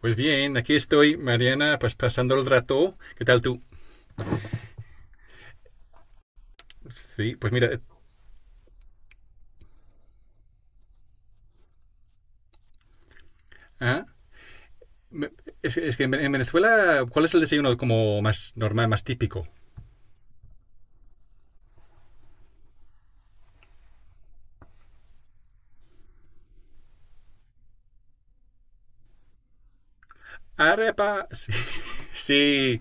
Pues bien, aquí estoy, Mariana, pues pasando el rato. ¿Qué tal tú? Sí, pues mira, ¿ah? Es que en Venezuela, ¿cuál es el desayuno como más normal, más típico? Arepa, sí. Sí.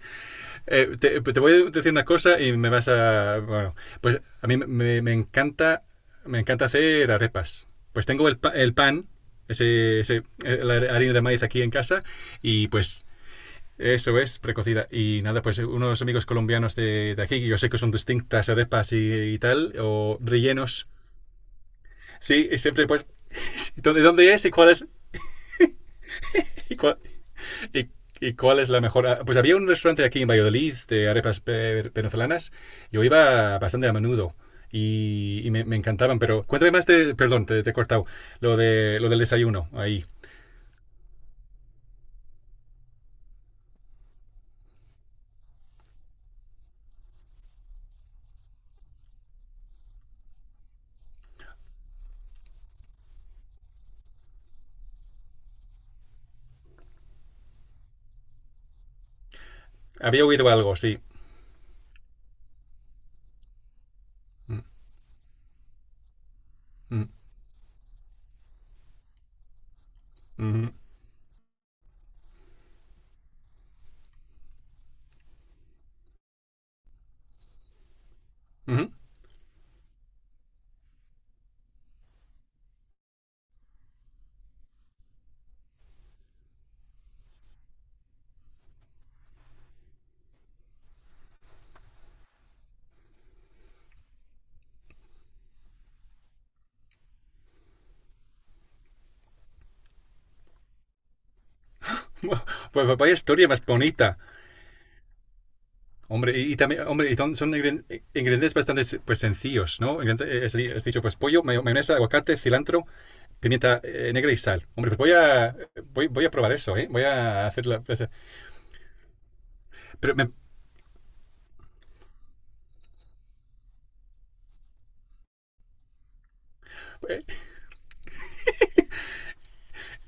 Te voy a decir una cosa y me vas a... Bueno, pues a mí me encanta, me encanta hacer arepas. Pues tengo el pan, la harina de maíz aquí en casa y pues eso es, precocida. Y nada, pues unos amigos colombianos de aquí, que yo sé que son distintas arepas y tal, o rellenos. Sí, y siempre pues, dónde es y cuál es? Y cuál, y, ¿y cuál es la mejor? Ah, pues había un restaurante aquí en Valladolid de arepas venezolanas. Yo iba bastante a menudo y me encantaban, pero cuéntame más de, perdón, te he cortado, lo del desayuno ahí. Había oído algo, sí. Mm. Mm. Mhm. Mhm. Pues vaya historia más bonita. Hombre, y también, hombre, y son, ingredientes bastante, pues, sencillos, ¿no? Ingredientes, es dicho, pues pollo, mayonesa, aguacate, cilantro, pimienta, negra y sal. Hombre, pues voy a, voy a probar eso, ¿eh? Voy a hacer la... Pero me-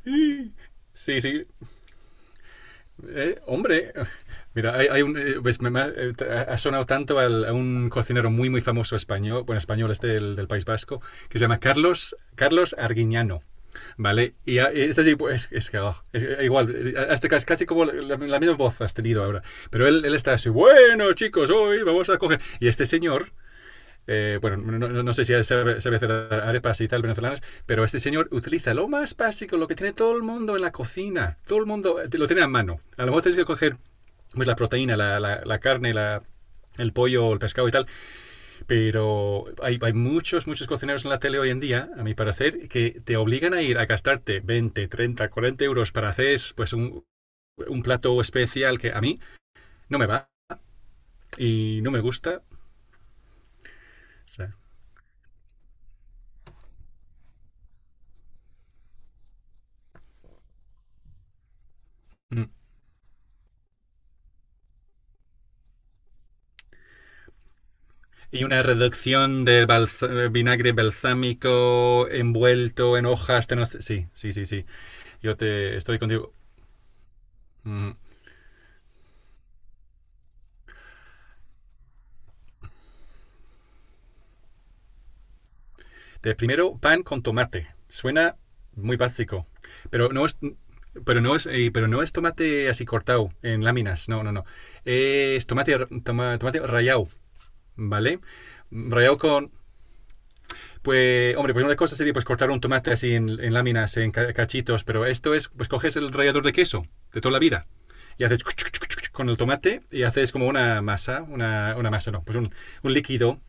Sí, sí. Hombre, mira, hay un, ves, me ha, sonado tanto a un cocinero muy, muy famoso español, bueno, español este del País Vasco, que se llama Carlos Arguiñano. Vale, y es así, pues, es que oh, es- igual, hasta casi, casi como la misma voz has tenido ahora, pero él está así, bueno, chicos, hoy vamos a coger, y este señor, bueno, no sé si sabe, sabe, hacer arepas y tal venezolanas, pero este señor utiliza lo más básico, lo que tiene todo el mundo en la cocina. Todo el mundo, lo tiene a mano. A lo mejor tienes que coger pues, la proteína, la carne, la, el pollo, el pescado y tal, pero hay muchos, muchos cocineros en la tele hoy en día, a mi parecer, que te obligan a ir a gastarte 20, 30, 40 euros para hacer pues un plato especial que a mí no me va y no me gusta. O sea, mm. Y una reducción del balsa- vinagre balsámico envuelto en hojas de no sé... Sí, sí, sí, sí. Yo te estoy contigo. Mm. De primero, pan con tomate. Suena muy básico. Pero no es. Pero no es, pero no es tomate así cortado en láminas. No, no, no. Es tomate, r- toma- tomate rallado, ¿vale? Rallado con... Pues, hombre, pues una cosa sería pues cortar un tomate así en láminas, en cachitos, pero esto es, pues coges el rallador de queso de toda la vida y haces con el tomate y haces como una masa, no, pues un líquido,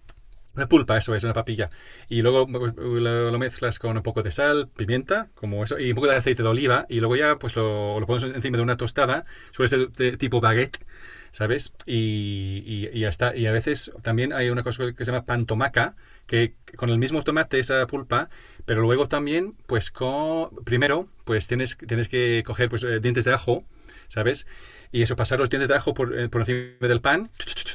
una pulpa, eso es, una papilla. Y luego pues, lo mezclas con un poco de sal, pimienta, como eso, y un poco de aceite de oliva. Y luego ya pues lo pones encima de una tostada. Suele ser de tipo baguette, ¿sabes? Y ya está. Y a veces también hay una cosa que se llama pan tomaca, que con el mismo tomate, esa pulpa, pero luego también, pues con, primero, pues tienes, tienes que coger pues, dientes de ajo, ¿sabes? Y eso, pasar los dientes de ajo por encima del pan,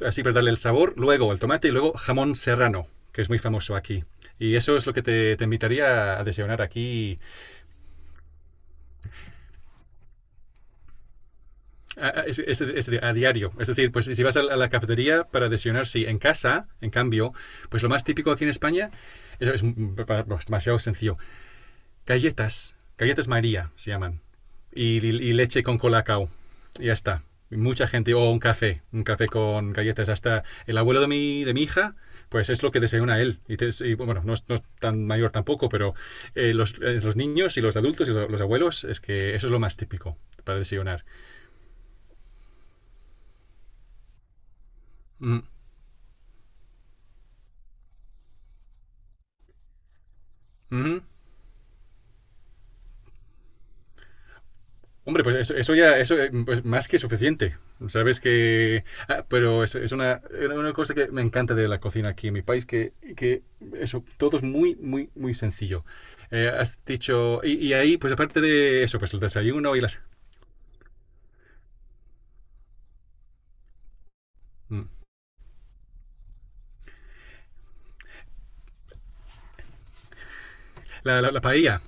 así para darle el sabor, luego el tomate y luego jamón serrano, que es muy famoso aquí. Y eso es lo que te invitaría a desayunar aquí a, es, a diario. Es decir, pues si vas a la cafetería para desayunar, sí, en casa, en cambio, pues lo más típico aquí en España es demasiado sencillo. Galletas, galletas María se llaman. Y leche con colacao. Y ya está. Y mucha gente, o un café con galletas. Hasta el abuelo de mi hija, pues es lo que desayuna él. Y, te- y, bueno, no es, no es tan mayor tampoco, pero los niños y los adultos y lo- los abuelos, es que eso es lo más típico para desayunar. Mm. Ujú. Hombre, pues eso ya, eso pues más que suficiente. Sabes que... Ah, pero es una, era una cosa que me encanta de la cocina aquí en mi país, que eso, todo es muy, muy, muy sencillo. Has dicho... Y, y ahí, pues aparte de eso, pues el desayuno y las... Mm. La, la, la paella,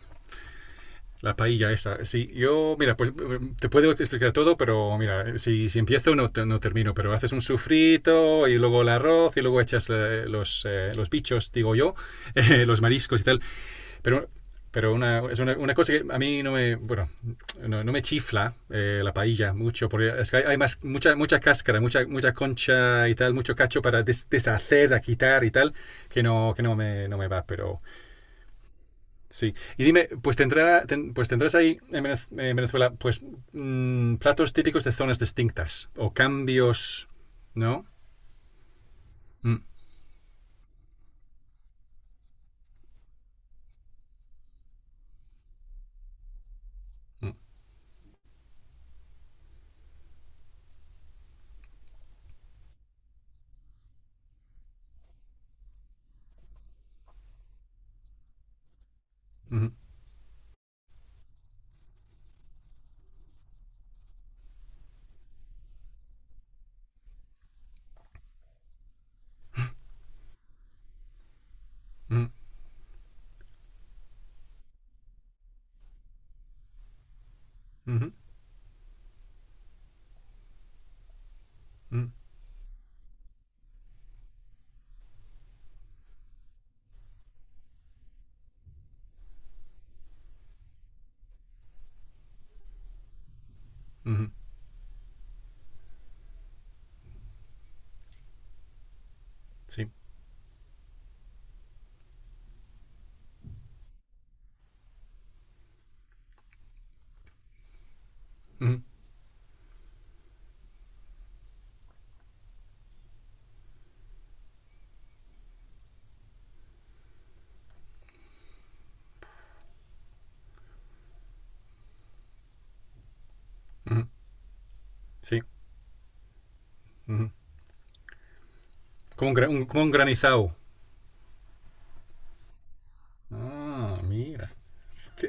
la paella esa. Sí, yo, mira, pues te puedo explicar todo, pero mira, si, si empiezo no, te- no termino, pero haces un sufrito y luego el arroz y luego echas los bichos, digo yo, los mariscos y tal. Pero, pero una, es una cosa que a mí no me, bueno, no, no me chifla la paella mucho, porque es que hay más, mucha, mucha cáscara, mucha, mucha concha y tal, mucho cacho para des- deshacer, a quitar y tal, que no me, no me va, pero sí. Y dime, pues, tendrá, ten- pues tendrás ahí en Venezuela, pues, mm, platos típicos de zonas distintas, o cambios, ¿no? Mm. Mm. Mhm. Mm. Mhm. Mm. Mhm. Sí. Mhm. Mhm. Sí. Mhm. Como un- como un granizado. Ah, mira.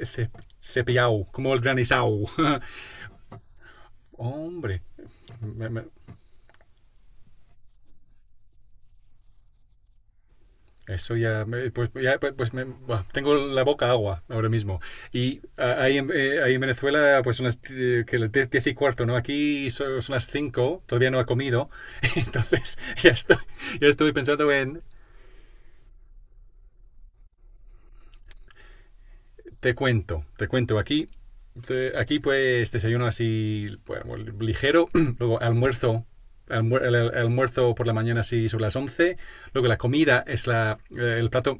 Ce- cepillado, como el granizado. Hombre, me- me- eso ya, me- pues, ya, pues- pues me- buah, tengo la boca agua ahora mismo. Y ah, ahí en, ahí en Venezuela, pues son las que las 10 y cuarto, ¿no? Aquí so- son, las cinco, todavía no he comido. Entonces, ya estoy pensando en, te cuento, te cuento. Aquí, te- aquí pues desayuno así, bueno, ligero, luego almuerzo, almuer- el almuerzo por la mañana así sobre las 11, luego la comida es la, el plato,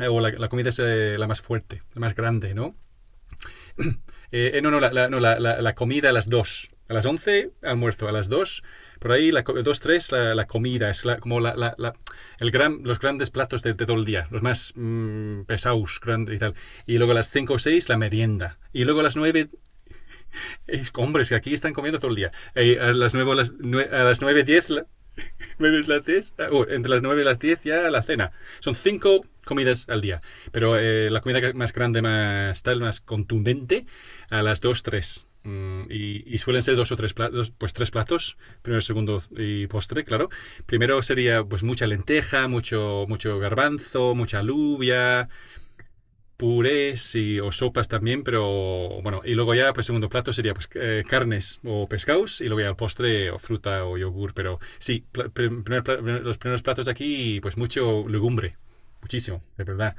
o la comida es la más fuerte, la más grande, ¿no? No, no, la- no, la- la- la comida a las dos. A las 11 almuerzo. A las 2 por ahí, la, 2 3 la, la comida. Es la- como la- la- el gran, los grandes platos de todo el día. Los más mm, pesados grandes y tal. Y luego a las 5 o 6 la merienda. Y luego a las 9, hombres, que aquí están comiendo todo el día. A las 9 10 la, 9 las 10 entre las 9 y las 10 ya la cena. Son 5 comidas al día. Pero la comida más grande, más tal, más contundente, a las 2 tres. Mm, y, suelen ser dos o tres platos, pues tres platos, primero, segundo y postre, claro. Primero sería pues mucha lenteja, mucho, mucho garbanzo, mucha alubia, purés y, o sopas también, pero bueno, y luego ya, pues segundo plato sería pues, carnes o pescados y luego ya el postre o fruta o yogur, pero sí, pla- prim- primer los primeros platos aquí, pues mucho legumbre, muchísimo, de verdad.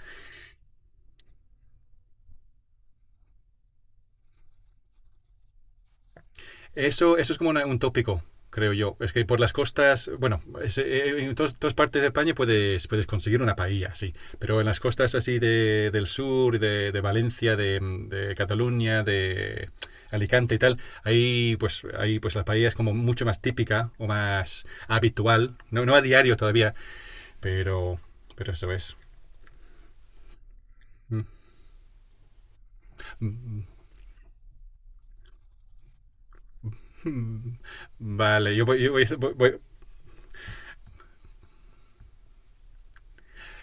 Eso es como una- un tópico, creo yo. Es que por las costas, bueno, es, en tos- todas partes de España puedes, puedes conseguir una paella, sí. Pero en las costas así de, del sur, de Valencia, de Cataluña, de Alicante y tal, ahí pues la paella es como mucho más típica o más habitual. No, no a diario todavía, pero, pero eso es. Mm. Vale, yo voy- voy-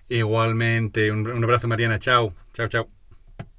igualmente. Un abrazo, Mariana. Chao, chao, chao.